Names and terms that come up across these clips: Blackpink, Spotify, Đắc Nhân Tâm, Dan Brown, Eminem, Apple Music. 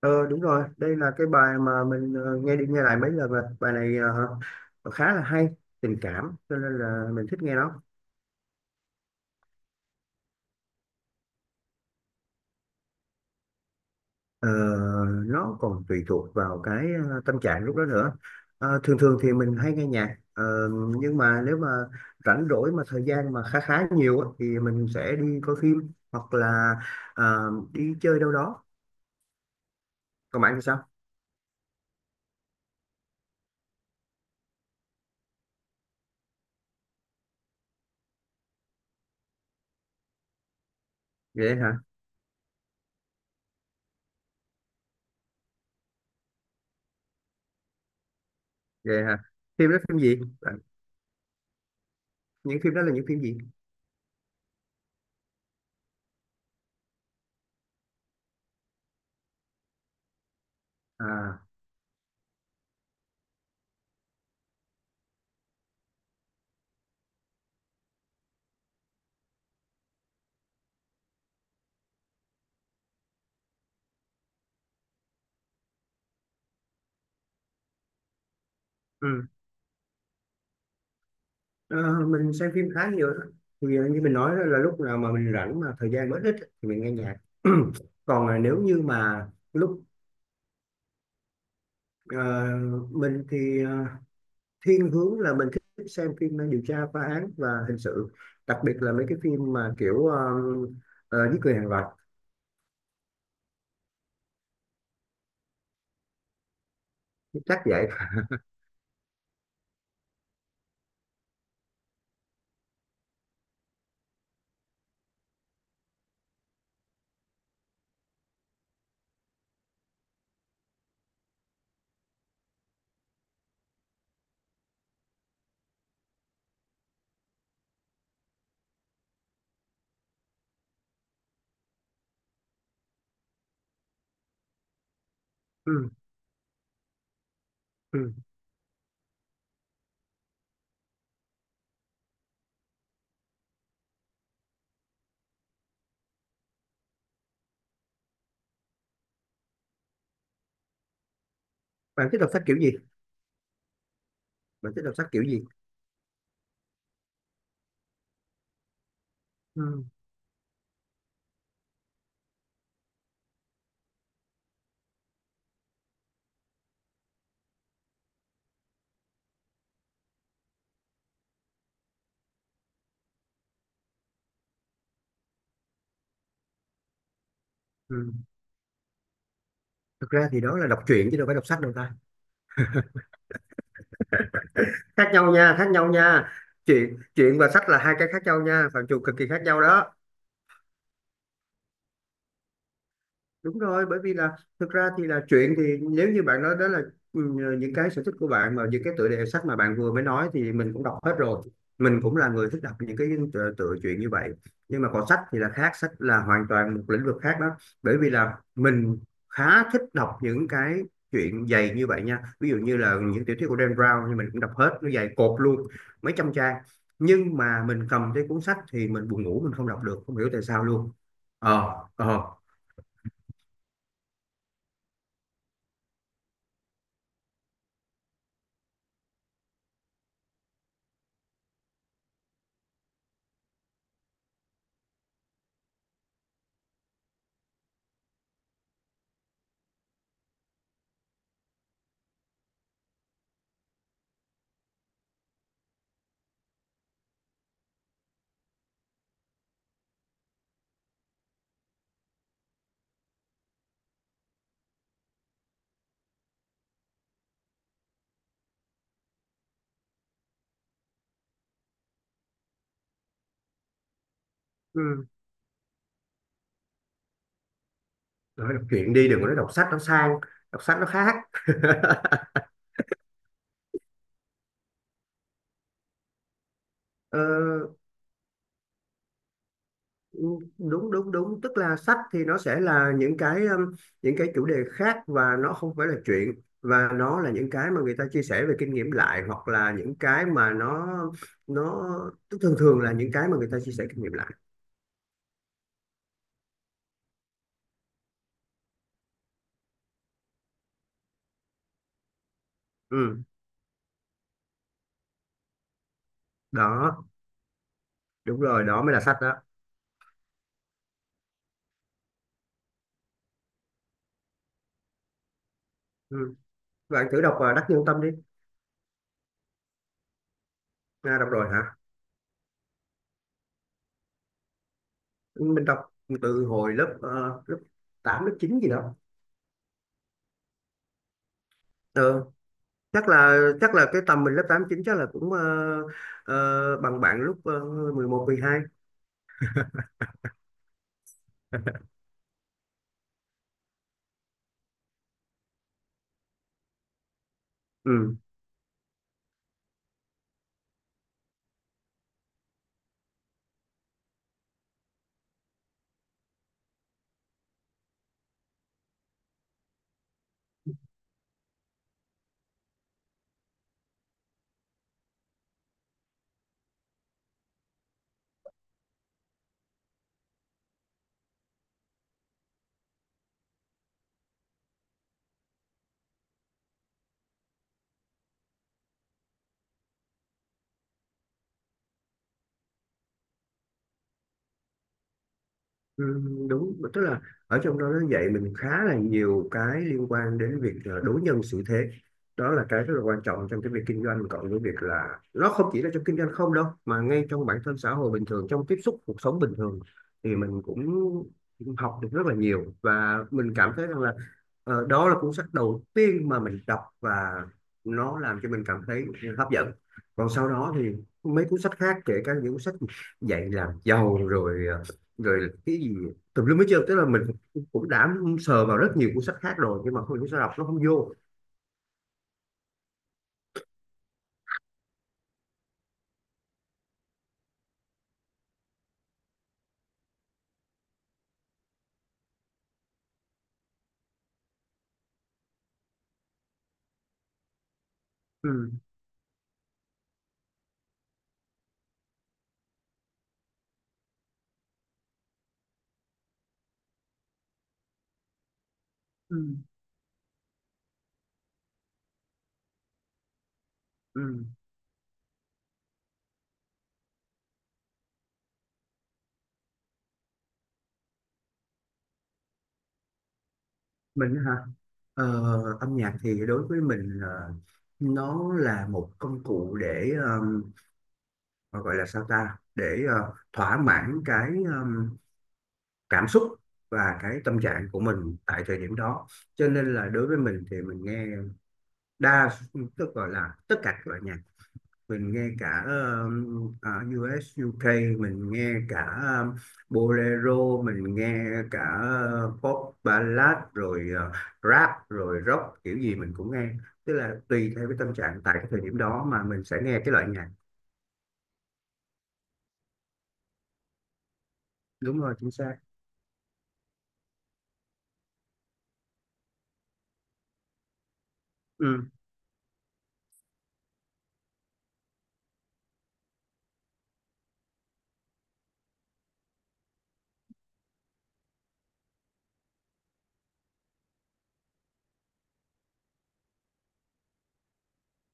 Ờ đúng rồi, đây là cái bài mà mình nghe đi nghe lại mấy lần rồi. Bài này khá là hay, tình cảm cho nên là mình thích nghe nó. Ờ, nó còn tùy thuộc vào cái tâm trạng lúc đó nữa. Thường thường thì mình hay nghe nhạc, nhưng mà nếu mà rảnh rỗi mà thời gian mà khá khá nhiều á, thì mình sẽ đi coi phim hoặc là đi chơi đâu đó. Còn bạn thì sao? Vậy hả? Vậy hả? Phim đó phim gì? Bạn- Những phim đó là những phim gì? À, ừ. Ờ, mình xem phim khá nhiều đó. Thì như mình nói đó là lúc nào mà mình rảnh mà thời gian mới ít ấy, thì mình nghe nhạc. Còn là nếu như mà lúc ờ, mình thì thiên hướng là mình thích xem phim điều tra phá án và hình sự, đặc biệt là mấy cái phim mà kiểu giết người hàng loạt. Chắc vậy. Ừ, ừ. Bạn thích đọc sách kiểu gì? Bạn thích đọc sách kiểu gì? Ừ, ừ. Thực ra thì đó là đọc truyện chứ đâu phải đọc sách đâu ta. Khác nhau nha, khác nhau nha. Chuyện chuyện và sách là hai cái khác nhau nha, phạm trù cực kỳ khác nhau đó. Đúng rồi, bởi vì là thực ra thì là chuyện thì nếu như bạn nói đó là, ừ, những cái sở thích của bạn mà những cái tựa đề sách mà bạn vừa mới nói thì mình cũng đọc hết rồi. Mình cũng là người thích đọc những cái tựa chuyện như vậy. Nhưng mà còn sách thì là khác, sách là hoàn toàn một lĩnh vực khác đó. Bởi vì là mình khá thích đọc những cái chuyện dày như vậy nha, ví dụ như là những tiểu thuyết của Dan Brown thì mình cũng đọc hết, nó dày cột luôn, mấy trăm trang. Nhưng mà mình cầm cái cuốn sách thì mình buồn ngủ, mình không đọc được, không hiểu tại sao luôn. ờ ờ ừ. Nói đọc truyện đi, đừng có nói đọc sách nó sang. Đọc sách nó khác. Ờ, Đúng đúng đúng, tức là sách thì nó sẽ là những cái chủ đề khác và nó không phải là chuyện, và nó là những cái mà người ta chia sẻ về kinh nghiệm lại hoặc là những cái mà nó tức thường thường là những cái mà người ta chia sẻ kinh nghiệm lại. Ừ, đó đúng rồi đó mới là sách đó. Ừ. Bạn thử đọc Đắc Nhân Tâm đi. À, đọc rồi hả? Mình đọc từ hồi lớp lớp 8 lớp 9 gì đó. Ờ, chắc là cái tầm mình lớp tám chín chắc là cũng bằng bạn lúc 11 12. Ừ. Ừ, đúng, tức là ở trong đó nó dạy mình khá là nhiều cái liên quan đến việc đối nhân xử thế, đó là cái rất là quan trọng trong cái việc kinh doanh, cộng với việc là nó không chỉ là trong kinh doanh không đâu mà ngay trong bản thân xã hội bình thường, trong tiếp xúc cuộc sống bình thường. Thì mình cũng học được rất là nhiều và mình cảm thấy rằng là đó là cuốn sách đầu tiên mà mình đọc và nó làm cho mình cảm thấy hấp dẫn. Còn sau đó thì mấy cuốn sách khác, kể cả những cuốn sách dạy làm giàu rồi rồi cái gì tùm lum hết trơn, tức là mình cũng đã sờ vào rất nhiều cuốn sách khác rồi nhưng mà không, cũng sao đọc nó không vô. Ừ, ừ, ừ. Mình hả? ờ, Âm nhạc thì đối với mình nó là một công cụ để ờ, gọi là sao ta, để thỏa mãn cái cảm xúc và cái tâm trạng của mình tại thời điểm đó. Cho nên là đối với mình thì mình nghe đa tức gọi là tất cả các loại nhạc. Mình nghe cả US UK, mình nghe cả bolero, mình nghe cả pop ballad rồi rap rồi rock, kiểu gì mình cũng nghe. Tức là tùy theo cái tâm trạng tại cái thời điểm đó mà mình sẽ nghe cái loại nhạc. Đúng rồi, chính xác. Ừ.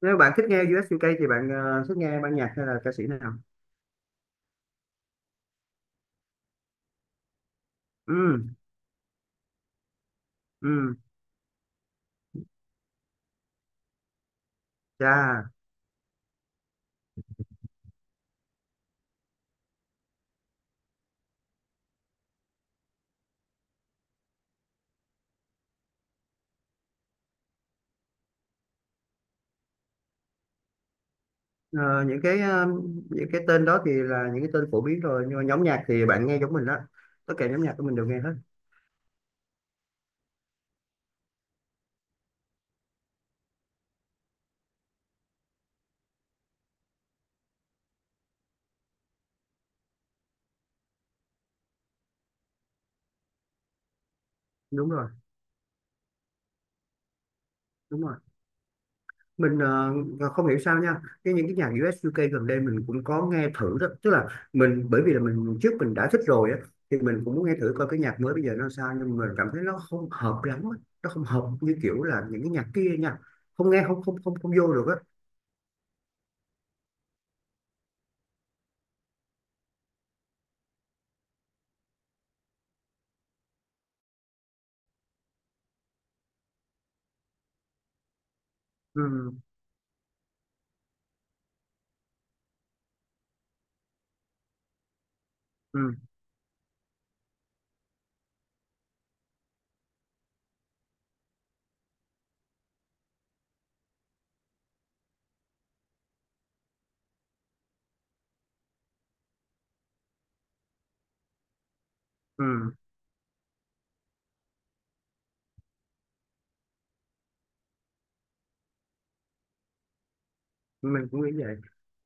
Nếu bạn thích nghe US UK thì bạn thích nghe ban nhạc hay là ca sĩ nào? Ừ, ừ. Chà. Ờ, những cái những cái tên đó thì là những cái tên phổ biến rồi, nhưng mà nhóm nhạc thì bạn nghe giống mình đó, tất cả nhóm nhạc của mình đều nghe hết. Đúng rồi, đúng rồi. Mình và không hiểu sao nha, cái những cái nhạc US UK gần đây mình cũng có nghe thử đó, tức là mình, bởi vì là mình trước mình đã thích rồi á, thì mình cũng muốn nghe thử coi cái nhạc mới bây giờ nó sao, nhưng mà mình cảm thấy nó không hợp lắm á. Nó không hợp như kiểu là những cái nhạc kia nha, không nghe không, không vô được á. Ừ ừ ừ. Mình cũng nghĩ vậy,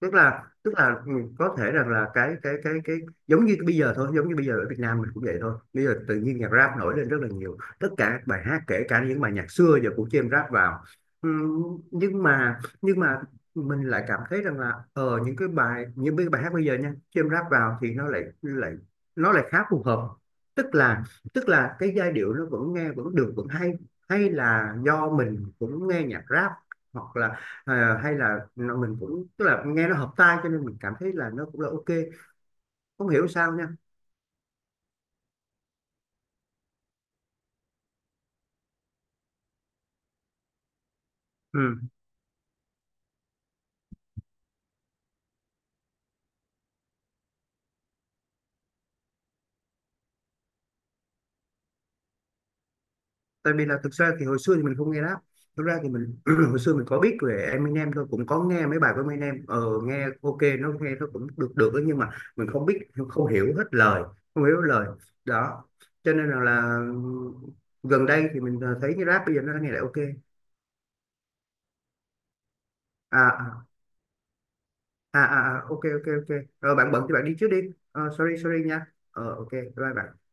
tức là ừ, có thể rằng là cái giống như bây giờ thôi, giống như bây giờ ở Việt Nam mình cũng vậy thôi, bây giờ tự nhiên nhạc rap nổi lên rất là nhiều, tất cả các bài hát kể cả những bài nhạc xưa giờ cũng chêm rap vào. Ừ, nhưng mà mình lại cảm thấy rằng là ờ những cái bài hát bây giờ nha chêm rap vào thì nó lại lại nó lại khá phù hợp, tức là tức là cái giai điệu nó vẫn nghe vẫn được vẫn hay, hay là do mình cũng nghe nhạc rap, hoặc là à, hay là nó- mình cũng tức là nghe nó hợp tai cho nên mình cảm thấy là nó cũng là ok, không hiểu sao nha. Ừ. Tại vì là thực ra thì hồi xưa thì mình không nghe rap, thực ra thì mình hồi xưa mình có biết về Eminem thôi, cũng có nghe mấy bài của Eminem, ờ nghe ok, nó nghe nó cũng được được đó, nhưng mà mình không biết, không hiểu hết lời, không hiểu hết lời đó, cho nên là gần đây thì mình thấy cái rap bây giờ nó nghe lại ok. À à, à à, à, ok ok ok. Rồi bạn bận thì bạn đi trước đi. Ờ, sorry sorry nha, ờ ok, bye bạn.